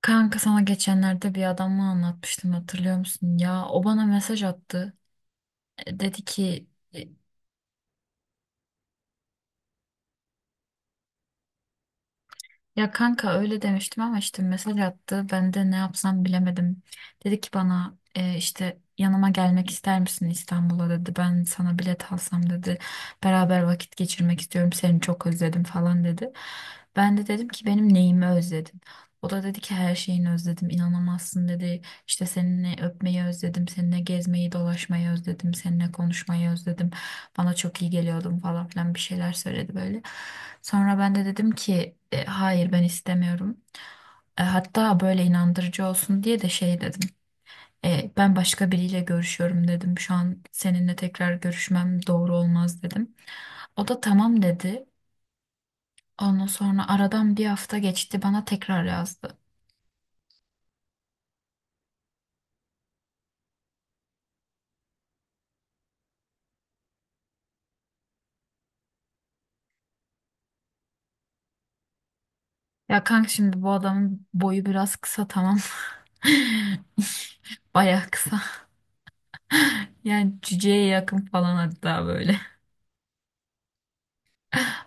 Kanka sana geçenlerde bir adamla anlatmıştım hatırlıyor musun? Ya o bana mesaj attı. E, Dedi ki e, ya kanka öyle demiştim ama işte mesaj attı. Ben de ne yapsam bilemedim. Dedi ki bana işte yanıma gelmek ister misin İstanbul'a dedi. Ben sana bilet alsam dedi. Beraber vakit geçirmek istiyorum. Seni çok özledim falan dedi. Ben de dedim ki benim neyimi özledin? O da dedi ki her şeyini özledim inanamazsın dedi. İşte seninle öpmeyi özledim, seninle gezmeyi, dolaşmayı özledim, seninle konuşmayı özledim. Bana çok iyi geliyordum falan filan bir şeyler söyledi böyle. Sonra ben de dedim ki hayır ben istemiyorum. Hatta böyle inandırıcı olsun diye de şey dedim. Ben başka biriyle görüşüyorum dedim. Şu an seninle tekrar görüşmem doğru olmaz dedim. O da tamam dedi. Ondan sonra aradan bir hafta geçti bana tekrar yazdı. Ya kanka şimdi bu adamın boyu biraz kısa tamam. Baya kısa. Yani cüceye yakın falan hatta böyle.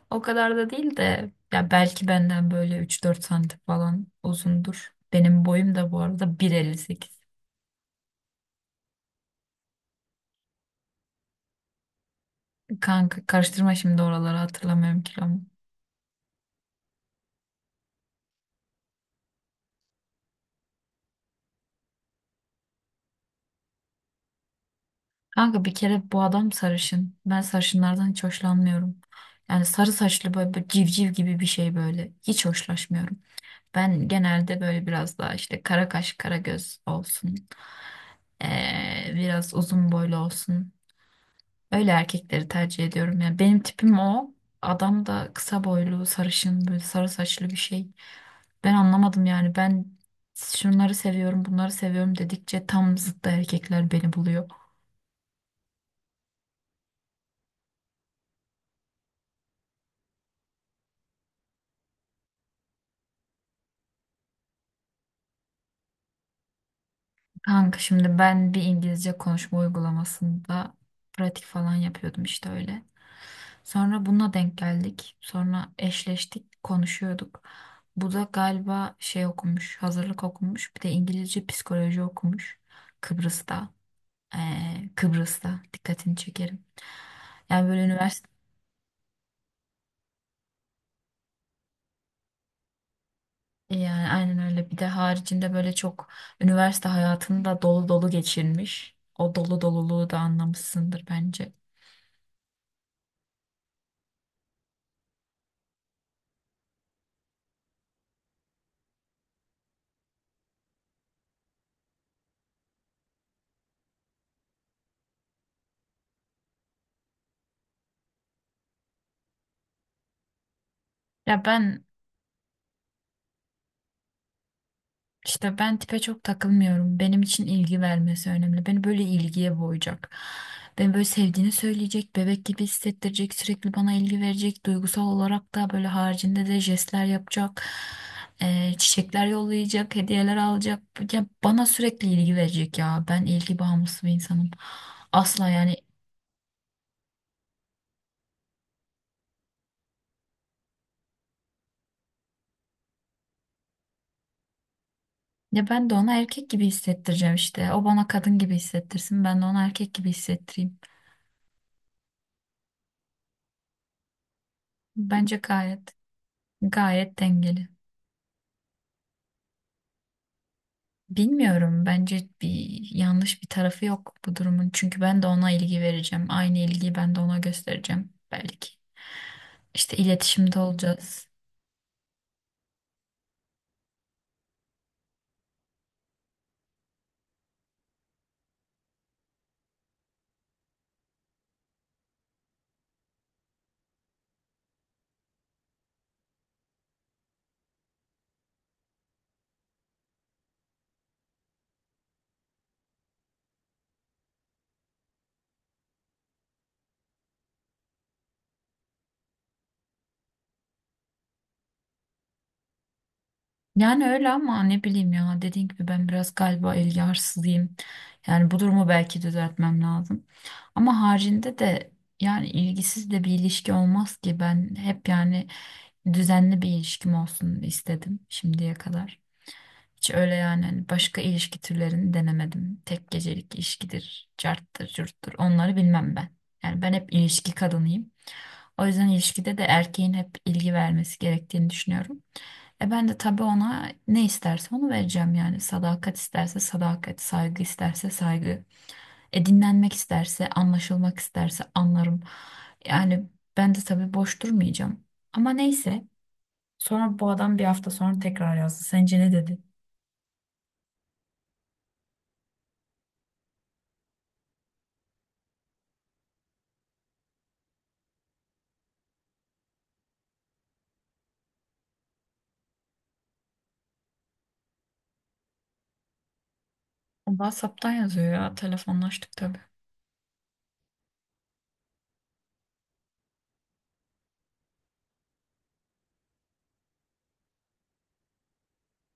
O kadar da değil de ya belki benden böyle 3-4 santim falan uzundur. Benim boyum da bu arada 1,58. Kanka karıştırma şimdi oraları hatırlamıyorum kilomu. Kanka bir kere bu adam sarışın. Ben sarışınlardan hiç hoşlanmıyorum. Yani sarı saçlı böyle, böyle civciv gibi bir şey böyle. Hiç hoşlaşmıyorum. Ben genelde böyle biraz daha işte kara kaş kara göz olsun, biraz uzun boylu olsun. Öyle erkekleri tercih ediyorum. Yani benim tipim o. Adam da kısa boylu, sarışın, böyle sarı saçlı bir şey. Ben anlamadım yani. Ben şunları seviyorum, bunları seviyorum dedikçe tam zıttı erkekler beni buluyor. Kanka şimdi ben bir İngilizce konuşma uygulamasında pratik falan yapıyordum işte öyle. Sonra bununla denk geldik. Sonra eşleştik, konuşuyorduk. Bu da galiba şey okumuş, hazırlık okumuş. Bir de İngilizce psikoloji okumuş. Kıbrıs'ta. Kıbrıs'ta. Dikkatini çekerim. Yani böyle üniversite yani aynen öyle. Bir de haricinde böyle çok üniversite hayatını da dolu dolu geçirmiş. O dolu doluluğu da anlamışsındır bence. Ya ben İşte ben tipe çok takılmıyorum. Benim için ilgi vermesi önemli. Beni böyle ilgiye boğacak. Beni böyle sevdiğini söyleyecek, bebek gibi hissettirecek, sürekli bana ilgi verecek. Duygusal olarak da böyle haricinde de jestler yapacak. Çiçekler yollayacak, hediyeler alacak. Ya bana sürekli ilgi verecek ya. Ben ilgi bağımlısı bir insanım. Asla yani. Ya ben de ona erkek gibi hissettireceğim işte. O bana kadın gibi hissettirsin. Ben de ona erkek gibi hissettireyim. Bence gayet dengeli. Bilmiyorum. Bence bir yanlış bir tarafı yok bu durumun. Çünkü ben de ona ilgi vereceğim. Aynı ilgiyi ben de ona göstereceğim belki. İşte iletişimde olacağız. Yani öyle ama ne bileyim ya. Dediğim gibi ben biraz galiba ilgi arsızıyım. Yani bu durumu belki düzeltmem lazım. Ama haricinde de yani ilgisiz de bir ilişki olmaz ki. Ben hep yani düzenli bir ilişkim olsun istedim şimdiye kadar. Hiç öyle yani hani başka ilişki türlerini denemedim. Tek gecelik ilişkidir, carttır, curttur. Onları bilmem ben. Yani ben hep ilişki kadınıyım. O yüzden ilişkide de erkeğin hep ilgi vermesi gerektiğini düşünüyorum. Ben de tabii ona ne isterse onu vereceğim yani. Sadakat isterse sadakat, saygı isterse saygı. Dinlenmek isterse, anlaşılmak isterse anlarım. Yani ben de tabii boş durmayacağım. Ama neyse. Sonra bu adam bir hafta sonra tekrar yazdı. Sence ne dedi? WhatsApp'tan yazıyor ya telefonlaştık tabii.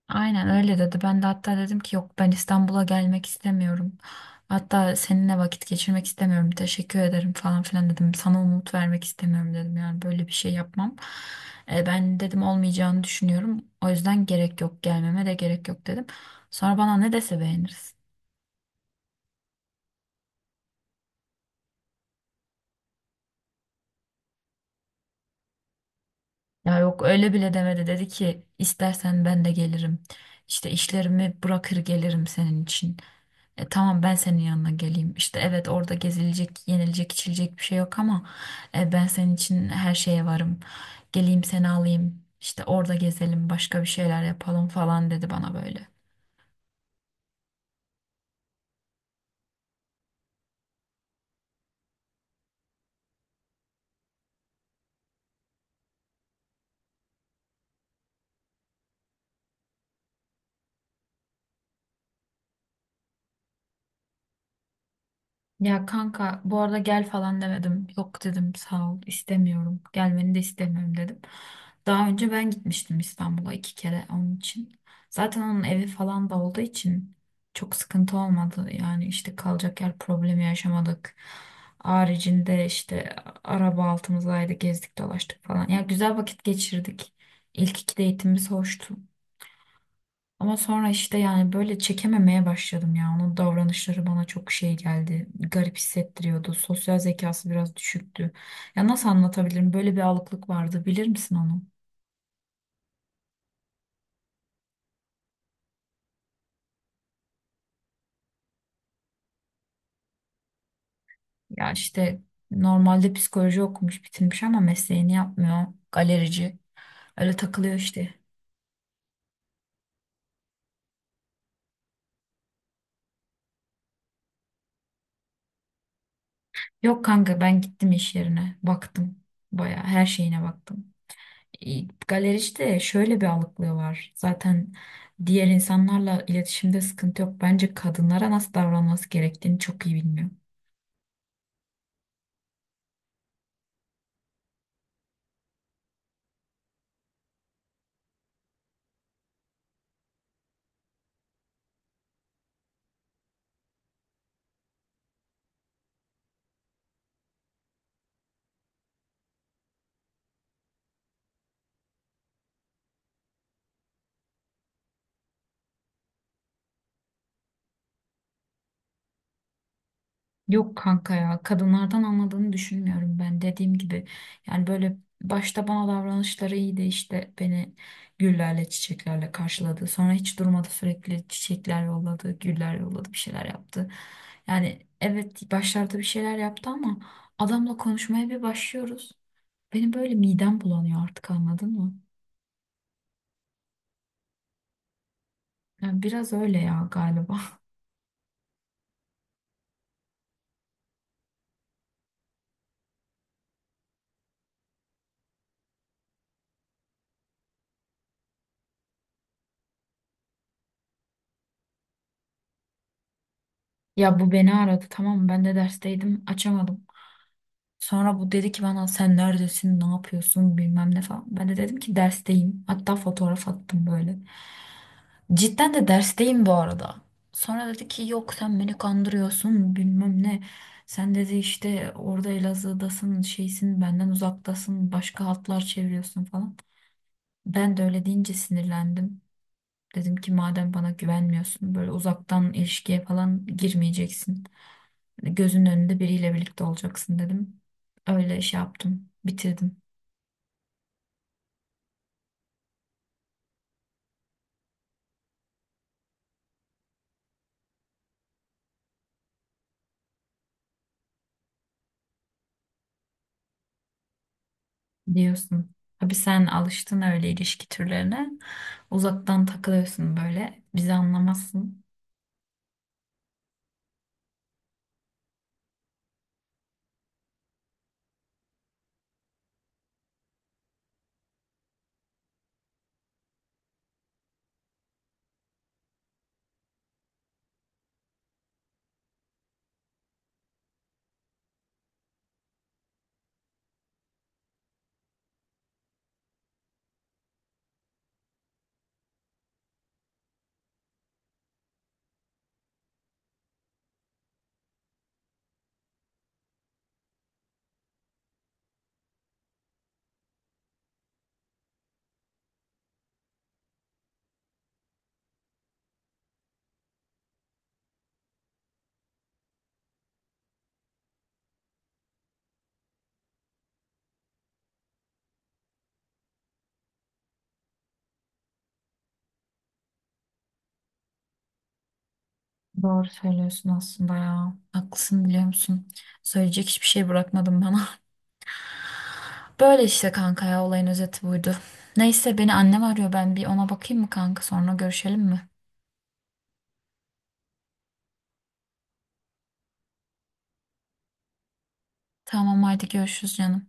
Aynen öyle dedi. Ben de hatta dedim ki yok ben İstanbul'a gelmek istemiyorum. Hatta seninle vakit geçirmek istemiyorum. Teşekkür ederim falan filan dedim. Sana umut vermek istemiyorum dedim. Yani böyle bir şey yapmam. Ben dedim olmayacağını düşünüyorum. O yüzden gerek yok gelmeme de gerek yok dedim. Sonra bana ne dese beğeniriz. Ya yok öyle bile demedi. Dedi ki istersen ben de gelirim. İşte işlerimi bırakır gelirim senin için. Tamam ben senin yanına geleyim. İşte evet orada gezilecek, yenilecek, içilecek bir şey yok ama ben senin için her şeye varım. Geleyim seni alayım. İşte orada gezelim, başka bir şeyler yapalım falan dedi bana böyle. Ya kanka bu arada gel falan demedim. Yok dedim sağ ol istemiyorum. Gelmeni de istemiyorum dedim. Daha önce ben gitmiştim İstanbul'a iki kere onun için. Zaten onun evi falan da olduğu için çok sıkıntı olmadı. Yani işte kalacak yer problemi yaşamadık. Haricinde işte araba altımızdaydı gezdik dolaştık falan. Ya güzel vakit geçirdik. İlk iki date'imiz hoştu. Ama sonra işte yani böyle çekememeye başladım ya. Onun davranışları bana çok şey geldi. Garip hissettiriyordu. Sosyal zekası biraz düşüktü. Ya nasıl anlatabilirim? Böyle bir alıklık vardı. Bilir misin onu? Ya işte normalde psikoloji okumuş, bitirmiş ama mesleğini yapmıyor. Galerici. Öyle takılıyor işte. Yok kanka ben gittim iş yerine. Baktım. Bayağı her şeyine baktım. E, Galericide şöyle bir alıklığı var. Zaten diğer insanlarla iletişimde sıkıntı yok. Bence kadınlara nasıl davranması gerektiğini çok iyi bilmiyor. Yok kanka ya kadınlardan anladığını düşünmüyorum ben dediğim gibi. Yani böyle başta bana davranışları iyiydi işte beni güllerle çiçeklerle karşıladı. Sonra hiç durmadı sürekli çiçekler yolladı, güller yolladı bir şeyler yaptı. Yani evet başlarda bir şeyler yaptı ama adamla konuşmaya bir başlıyoruz. Benim böyle midem bulanıyor artık anladın mı? Yani biraz öyle ya galiba. Ya bu beni aradı tamam mı? Ben de dersteydim açamadım. Sonra bu dedi ki bana sen neredesin ne yapıyorsun bilmem ne falan. Ben de dedim ki dersteyim. Hatta fotoğraf attım böyle. Cidden de dersteyim bu arada. Sonra dedi ki yok sen beni kandırıyorsun bilmem ne. Sen dedi işte orada Elazığ'dasın şeysin benden uzaktasın başka hatlar çeviriyorsun falan. Ben de öyle deyince sinirlendim. Dedim ki madem bana güvenmiyorsun böyle uzaktan ilişkiye falan girmeyeceksin. Gözünün önünde biriyle birlikte olacaksın dedim. Öyle şey yaptım, bitirdim diyorsun. Tabii sen alıştın öyle ilişki türlerine. Uzaktan takılıyorsun böyle. Bizi anlamazsın. Doğru söylüyorsun aslında ya. Haklısın biliyor musun? Söyleyecek hiçbir şey bırakmadım bana. Böyle işte kanka ya olayın özeti buydu. Neyse beni annem arıyor ben bir ona bakayım mı kanka sonra görüşelim mi? Tamam haydi görüşürüz canım.